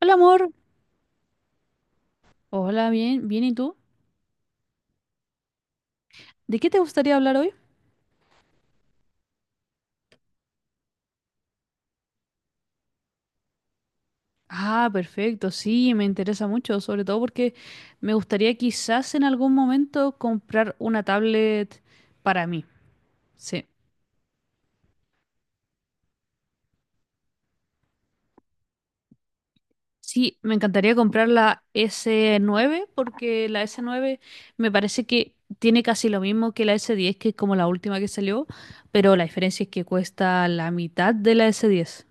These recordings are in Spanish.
Hola amor, hola, bien, bien, ¿y tú? ¿De qué te gustaría hablar hoy? Ah, perfecto, sí, me interesa mucho, sobre todo porque me gustaría quizás en algún momento comprar una tablet para mí. Sí, sí, me encantaría comprar la S9 porque la S9 me parece que tiene casi lo mismo que la S10, que es como la última que salió, pero la diferencia es que cuesta la mitad de la S10.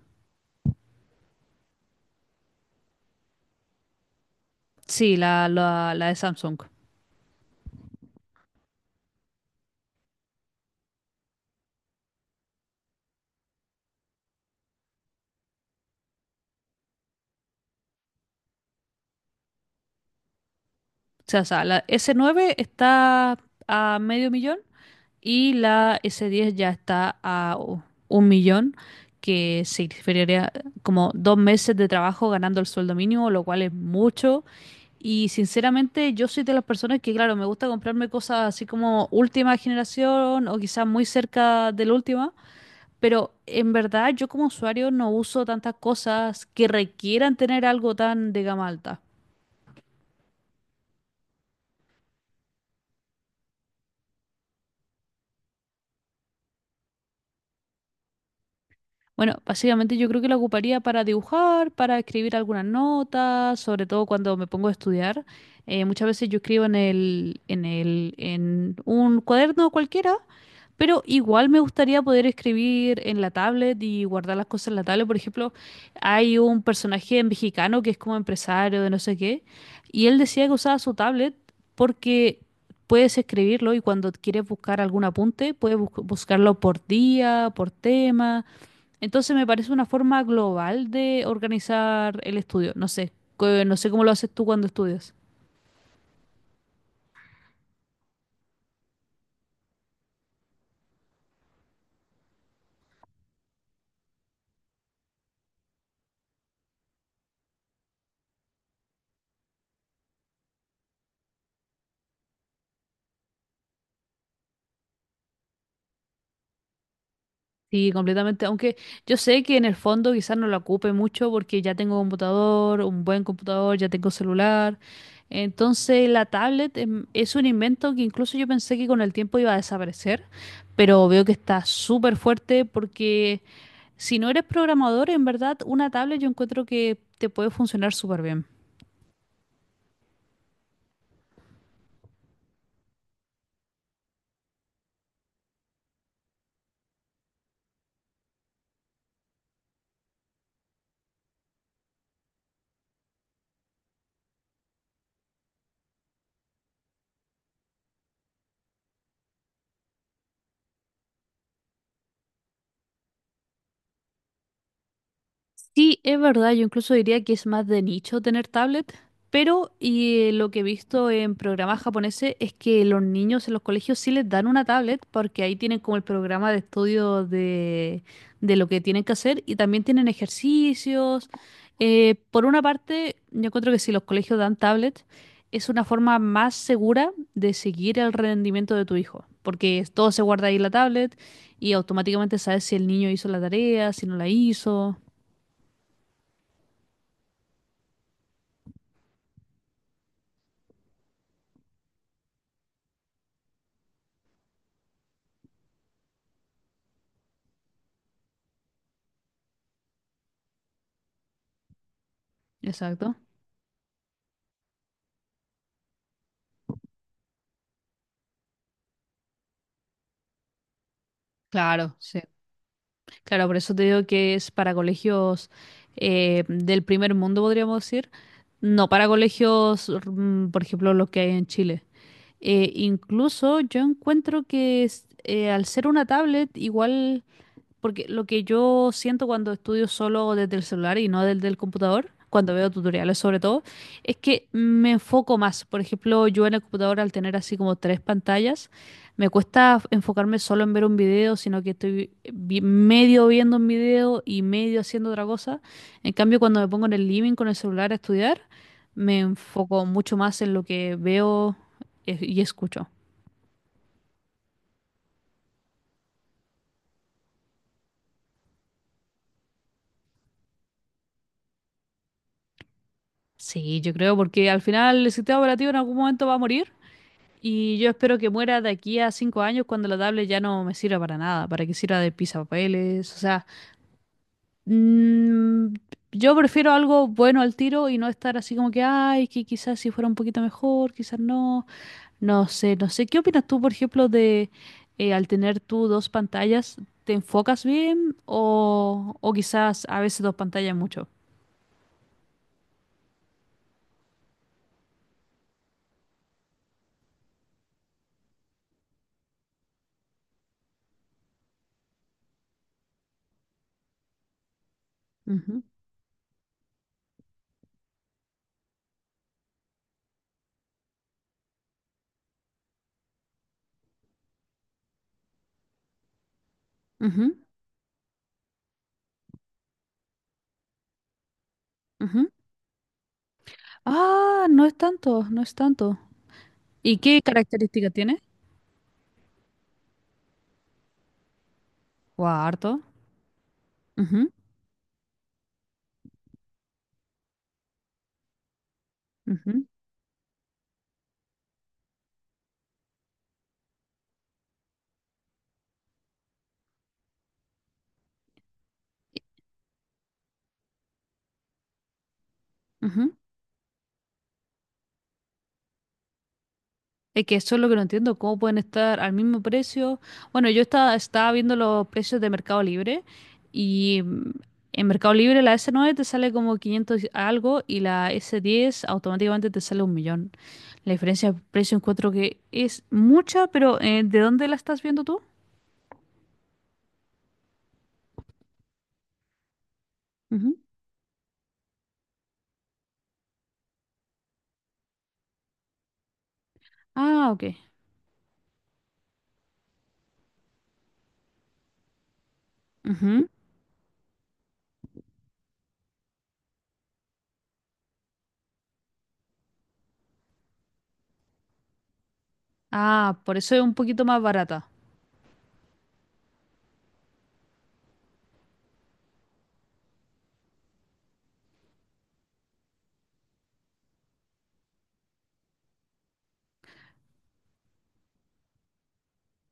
Sí, la de Samsung. O sea, la S9 está a medio millón y la S10 ya está a un millón, que significaría como 2 meses de trabajo ganando el sueldo mínimo, lo cual es mucho. Y sinceramente yo soy de las personas que, claro, me gusta comprarme cosas así como última generación o quizás muy cerca de la última, pero en verdad yo como usuario no uso tantas cosas que requieran tener algo tan de gama alta. Bueno, básicamente yo creo que la ocuparía para dibujar, para escribir algunas notas, sobre todo cuando me pongo a estudiar. Muchas veces yo escribo en un cuaderno cualquiera, pero igual me gustaría poder escribir en la tablet y guardar las cosas en la tablet. Por ejemplo, hay un personaje mexicano que es como empresario de no sé qué, y él decía que usaba su tablet porque puedes escribirlo y cuando quieres buscar algún apunte, puedes buscarlo por día, por tema. Entonces me parece una forma global de organizar el estudio. No sé, no sé cómo lo haces tú cuando estudias. Sí, completamente. Aunque yo sé que en el fondo quizás no lo ocupe mucho porque ya tengo computador, un buen computador, ya tengo celular. Entonces la tablet es un invento que incluso yo pensé que con el tiempo iba a desaparecer, pero veo que está súper fuerte porque si no eres programador, en verdad una tablet yo encuentro que te puede funcionar súper bien. Sí, es verdad, yo incluso diría que es más de nicho tener tablet, pero y lo que he visto en programas japoneses es que los niños en los colegios sí les dan una tablet porque ahí tienen como el programa de estudio de lo que tienen que hacer y también tienen ejercicios. Por una parte, yo encuentro que si los colegios dan tablet es una forma más segura de seguir el rendimiento de tu hijo, porque todo se guarda ahí en la tablet y automáticamente sabes si el niño hizo la tarea, si no la hizo. Exacto. Claro, sí. Claro, por eso te digo que es para colegios del primer mundo, podríamos decir. No para colegios, por ejemplo, los que hay en Chile. Incluso yo encuentro que al ser una tablet, igual. Porque lo que yo siento cuando estudio solo desde el celular y no desde el computador, cuando veo tutoriales sobre todo, es que me enfoco más. Por ejemplo, yo en el computador al tener así como 3 pantallas, me cuesta enfocarme solo en ver un video, sino que estoy medio viendo un video y medio haciendo otra cosa. En cambio, cuando me pongo en el living con el celular a estudiar, me enfoco mucho más en lo que veo y escucho. Sí, yo creo porque al final el sistema operativo en algún momento va a morir. Y yo espero que muera de aquí a 5 años cuando la tablet ya no me sirva para nada, para que sirva de papeles o sea, mm, yo prefiero algo bueno al tiro y no estar así como que, ay, que quizás si fuera un poquito mejor, quizás no, no sé, no sé. ¿Qué opinas tú, por ejemplo, de al tener tú 2 pantallas, te enfocas bien o quizás a veces 2 pantallas es mucho? Ujú, ujú, ujú. Ah, no es tanto, no es tanto. ¿Y qué característica tiene? Guau, harto. Ujú, ujú, ujú. Es que eso es lo que no entiendo, cómo pueden estar al mismo precio. Bueno, yo estaba viendo los precios de Mercado Libre y en Mercado Libre la S9 te sale como 500 algo y la S10 automáticamente te sale un millón. La diferencia de precio encuentro que es mucha, pero ¿de dónde la estás viendo tú? Ujú. Ah, ok. Ujú. Ah, por eso es un poquito más barata.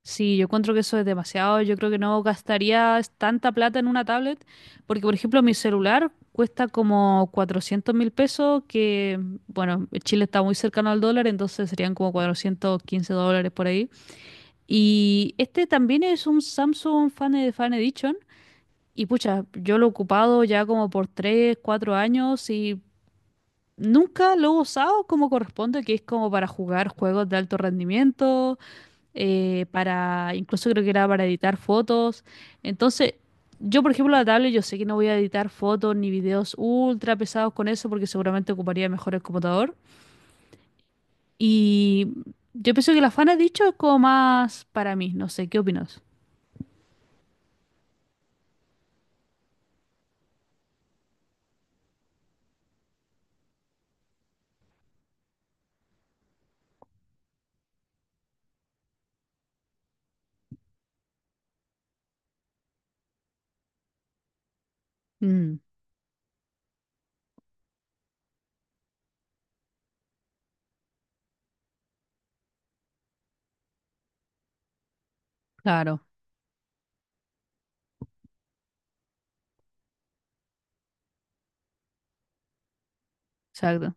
Sí, yo encuentro que eso es demasiado. Yo creo que no gastaría tanta plata en una tablet, porque por ejemplo mi celular cuesta como 400.000 pesos, que bueno, Chile está muy cercano al dólar, entonces serían como 415 dólares por ahí. Y este también es un Samsung Fan Edition, y pucha, yo lo he ocupado ya como por 3, 4 años y nunca lo he usado como corresponde, que es como para jugar juegos de alto rendimiento para, incluso creo que era para editar fotos. Entonces, yo, por ejemplo, la tablet, yo sé que no voy a editar fotos ni videos ultra pesados con eso porque seguramente ocuparía mejor el computador. Y yo pienso que la fan ha dicho es como más para mí, no sé, ¿qué opinas? Mm, claro, exacto.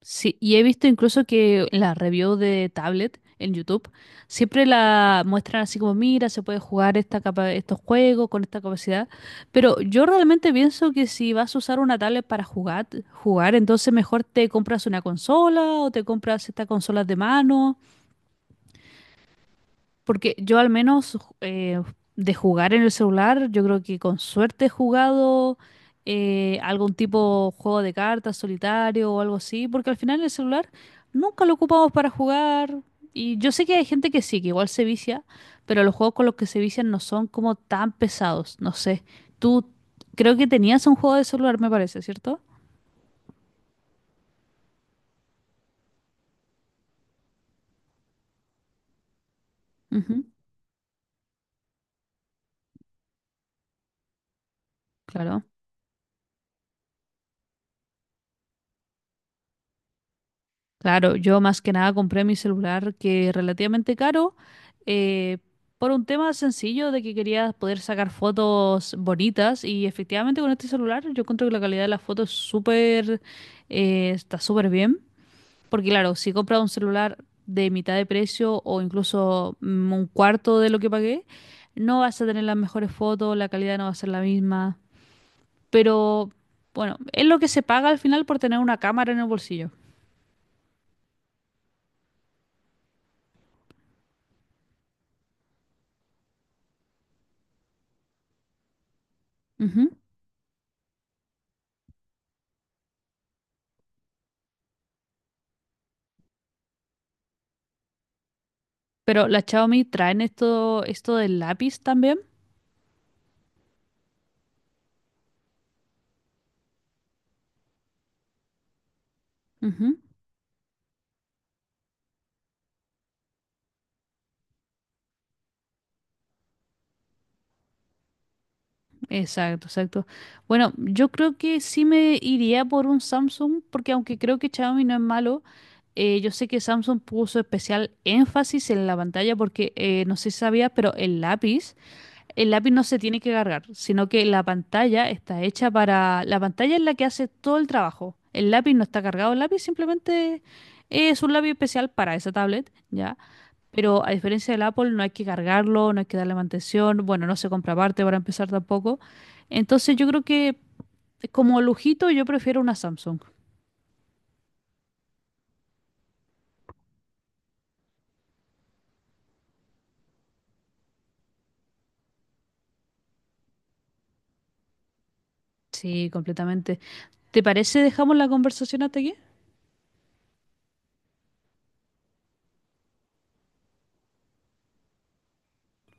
Sí, y he visto incluso que en las reviews de tablet en YouTube siempre la muestran así como, mira, se puede jugar estos juegos con esta capacidad, pero yo realmente pienso que si vas a usar una tablet para jugar, jugar, entonces mejor te compras una consola o te compras estas consolas de mano porque yo al menos de jugar en el celular, yo creo que con suerte he jugado algún tipo de juego de cartas, solitario o algo así, porque al final el celular nunca lo ocupamos para jugar. Y yo sé que hay gente que sí, que igual se vicia, pero los juegos con los que se vician no son como tan pesados, no sé. Tú creo que tenías un juego de celular, me parece, ¿cierto? Ujú, claro. Claro, yo más que nada compré mi celular que es relativamente caro eh, por un tema sencillo de que quería poder sacar fotos bonitas y efectivamente con este celular yo encuentro que la calidad de las fotos es súper está súper bien porque claro, si compras un celular de mitad de precio o incluso un cuarto de lo que pagué, no vas a tener las mejores fotos, la calidad no va a ser la misma, pero bueno, es lo que se paga al final por tener una cámara en el bolsillo. Ujú. Pero las Xiaomi traen esto del lápiz también. Ujú, exacto, exacto. Bueno, yo creo que sí me iría por un Samsung, porque aunque creo que Xiaomi no es malo, yo sé que Samsung puso especial énfasis en la pantalla, porque no sé si sabías, pero el lápiz no se tiene que cargar, sino que la pantalla está hecha para. La pantalla es la que hace todo el trabajo. El lápiz no está cargado, el lápiz simplemente es un lápiz especial para esa tablet, ¿ya? Pero a diferencia del Apple, no hay que cargarlo, no hay que darle mantención, bueno, no se compra aparte para empezar tampoco. Entonces yo creo que como lujito yo prefiero una Samsung. Sí, completamente. ¿Te parece dejamos la conversación hasta aquí?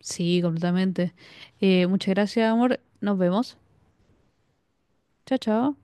Sí, completamente. Muchas gracias, amor. Nos vemos. Chao, chao.